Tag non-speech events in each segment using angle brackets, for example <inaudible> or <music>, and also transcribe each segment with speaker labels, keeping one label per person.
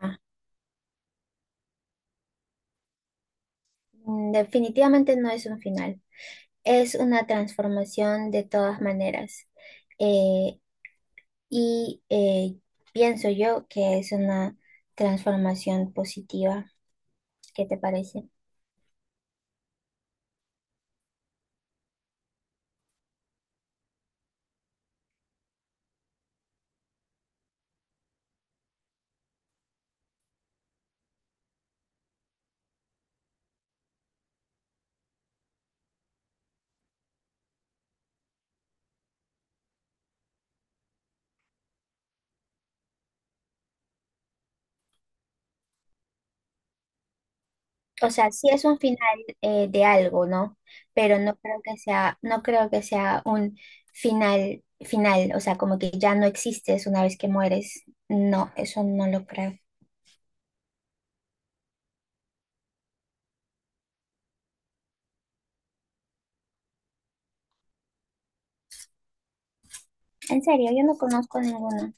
Speaker 1: Ah, definitivamente no es un final, es una transformación de todas maneras. Eh, y eh, Pienso yo que es una transformación positiva. ¿Qué te parece? O sea, sí es un final de algo, ¿no? Pero no creo que sea un final final, o sea, como que ya no existes una vez que mueres. No, eso no lo creo. En serio, yo no conozco ninguno.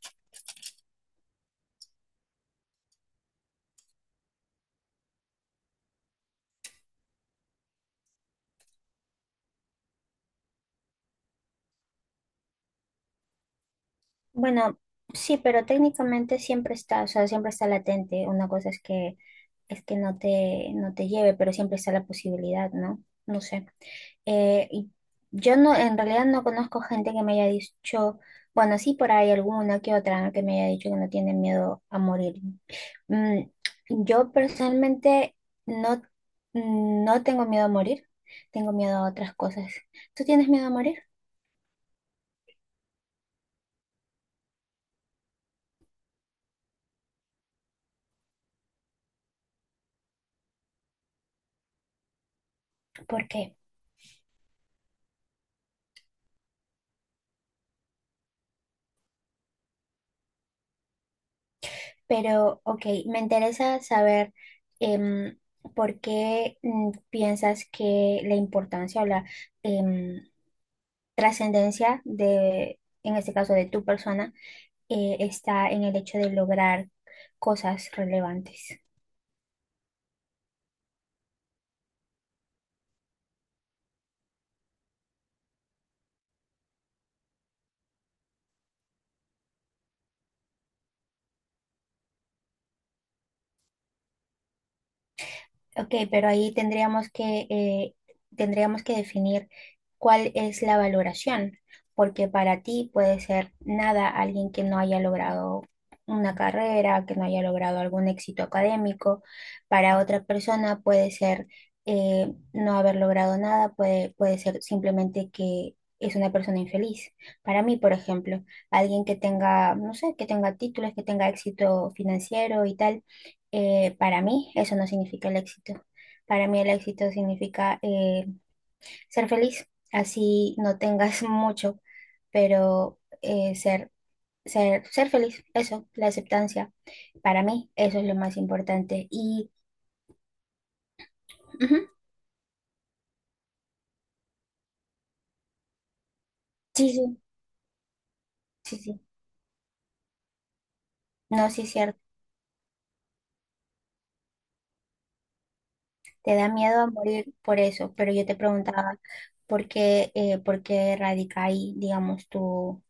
Speaker 1: Bueno, sí, pero técnicamente siempre está, o sea, siempre está latente. Una cosa es que no te lleve, pero siempre está la posibilidad, ¿no? No sé. Eh, y yo no, en realidad no conozco gente que me haya dicho, bueno, sí por ahí alguna que otra, ¿no?, que me haya dicho que no tiene miedo a morir. Mm, yo personalmente no, no tengo miedo a morir, tengo miedo a otras cosas. ¿Tú tienes miedo a morir? ¿Por qué? Pero, ok, me interesa saber em, por qué piensas que la importancia o la em, trascendencia de, en este caso, de tu persona, está en el hecho de lograr cosas relevantes. Ok, pero ahí tendríamos que, definir cuál es la valoración, porque para ti puede ser nada alguien que no haya logrado una carrera, que no haya logrado algún éxito académico, para otra persona puede ser no haber logrado nada, puede ser simplemente que es una persona infeliz. Para mí, por ejemplo, alguien que tenga, no sé, que tenga títulos, que tenga éxito financiero y tal, para mí eso no significa el éxito. Para mí el éxito significa ser feliz, así no tengas <laughs> mucho, pero ser feliz, eso, la aceptancia. Para mí eso es lo más importante. Y ujú, sí, sí. Sí, sí, no, sí es cierto. Te da miedo a morir por eso, pero yo te preguntaba por qué radica ahí, digamos, tu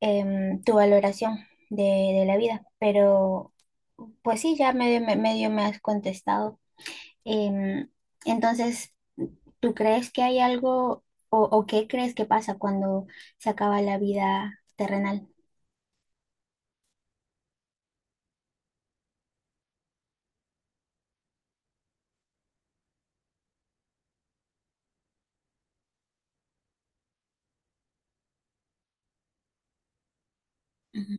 Speaker 1: tu valoración de la vida. Pero, pues sí, ya medio, medio me has contestado. Em, entonces, ¿tú crees que hay algo o qué crees que pasa cuando se acaba la vida terrenal? Ujú.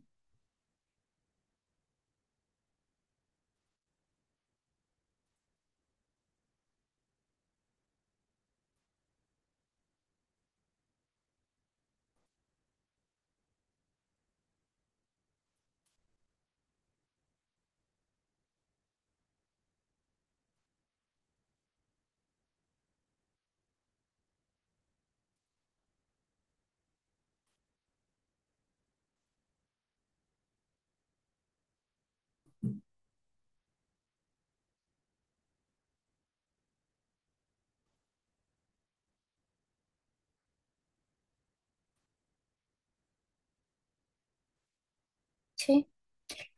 Speaker 1: Sí,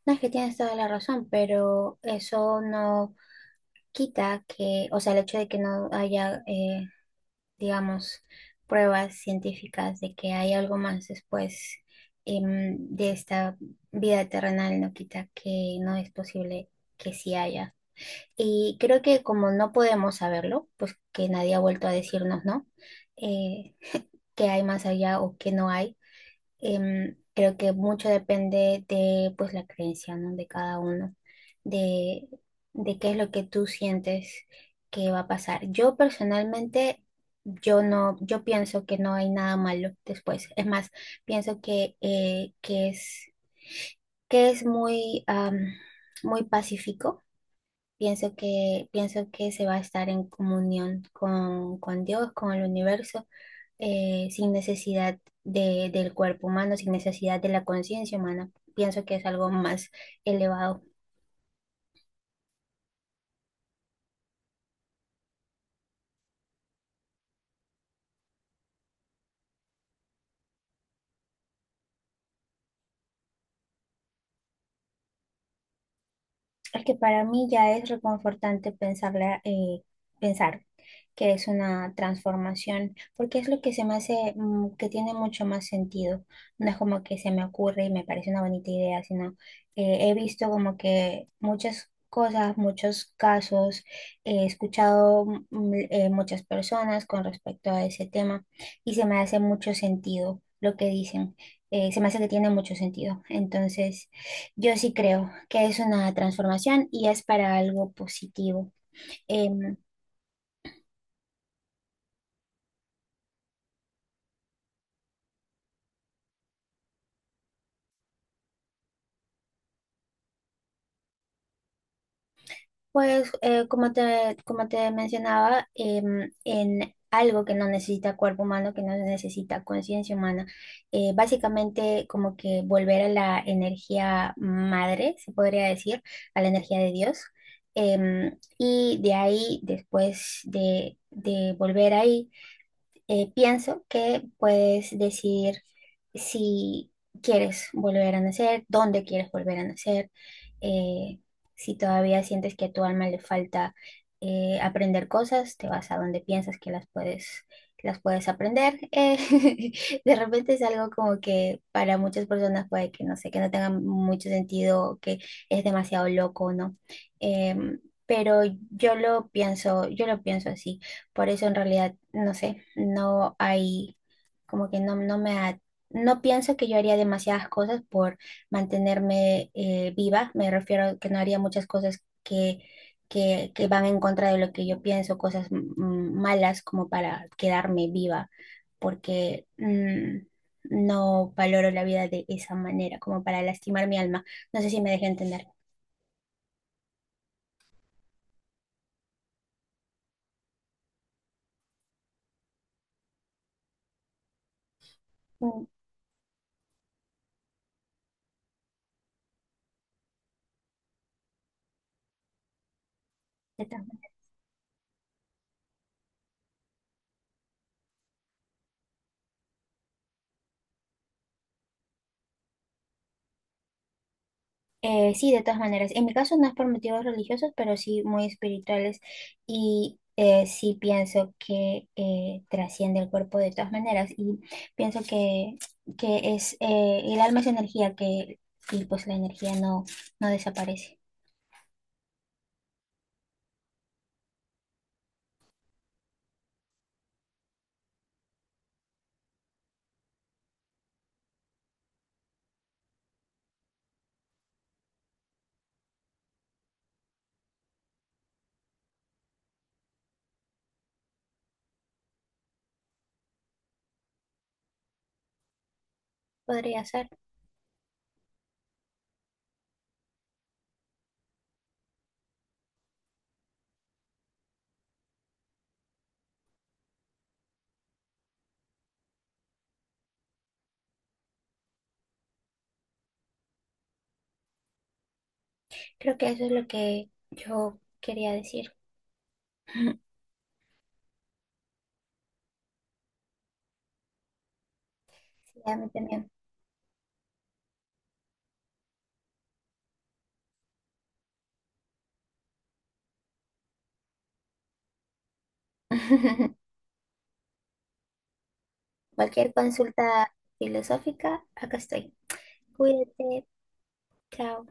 Speaker 1: no es que tienes toda la razón, pero eso no quita que, o sea, el hecho de que no haya digamos, pruebas científicas de que hay algo más después de esta vida terrenal, no quita que no es posible que sí haya. Y creo que como no podemos saberlo, pues que nadie ha vuelto a decirnos, ¿no? Eh, que hay más allá o que no hay. Creo que mucho depende de pues la creencia, ¿no? De cada uno, de, de qué es lo que tú sientes que va a pasar. Yo personalmente, yo no, yo pienso que no hay nada malo después. Es más, pienso que, eh, que es, que es muy, muy pacífico. Pienso que se va a estar en comunión con Dios, con el universo, sin necesidad de, del cuerpo humano, sin necesidad de la conciencia humana. Pienso que es algo más elevado. Es que para mí ya es reconfortante pensarla, pensar que es una transformación, porque es lo que se me hace que tiene mucho más sentido. No es como que se me ocurre y me parece una bonita idea, sino he visto como que muchas cosas, muchos casos, he escuchado muchas personas con respecto a ese tema y se me hace mucho sentido lo que dicen. Se me hace que tiene mucho sentido. Entonces... yo sí creo que es una transformación y es para algo positivo. Em, pues como te mencionaba, en algo que no necesita cuerpo humano, que no necesita conciencia humana, básicamente como que volver a la energía madre, se podría decir, a la energía de Dios. Y de ahí, después de volver ahí, pienso que puedes decidir si quieres volver a nacer, dónde quieres volver a nacer, eh, si todavía sientes que a tu alma le falta aprender cosas, te vas a donde piensas que las puedes aprender. <laughs> De repente es algo como que para muchas personas puede que no sé, que no tenga mucho sentido, que es demasiado loco, ¿no? Em, pero yo lo pienso así. Por eso en realidad, no sé, no hay, como que no, no pienso que yo haría demasiadas cosas por mantenerme viva. Me refiero a que no haría muchas cosas que, que van en contra de lo que yo pienso, cosas malas como para quedarme viva, porque no valoro la vida de esa manera, como para lastimar mi alma. No sé si me dejé entender. Mm, ya está. Sí, de todas maneras. En mi caso no es por motivos religiosos, pero sí muy espirituales. Y sí pienso que trasciende el cuerpo de todas maneras. Y pienso que, que es el alma es energía que, y pues la energía no, no desaparece. Podría ser. Creo que eso es lo que yo quería decir. <laughs> Sí, a mí también. <laughs> Cualquier consulta filosófica, acá estoy. Cuídate. Chao.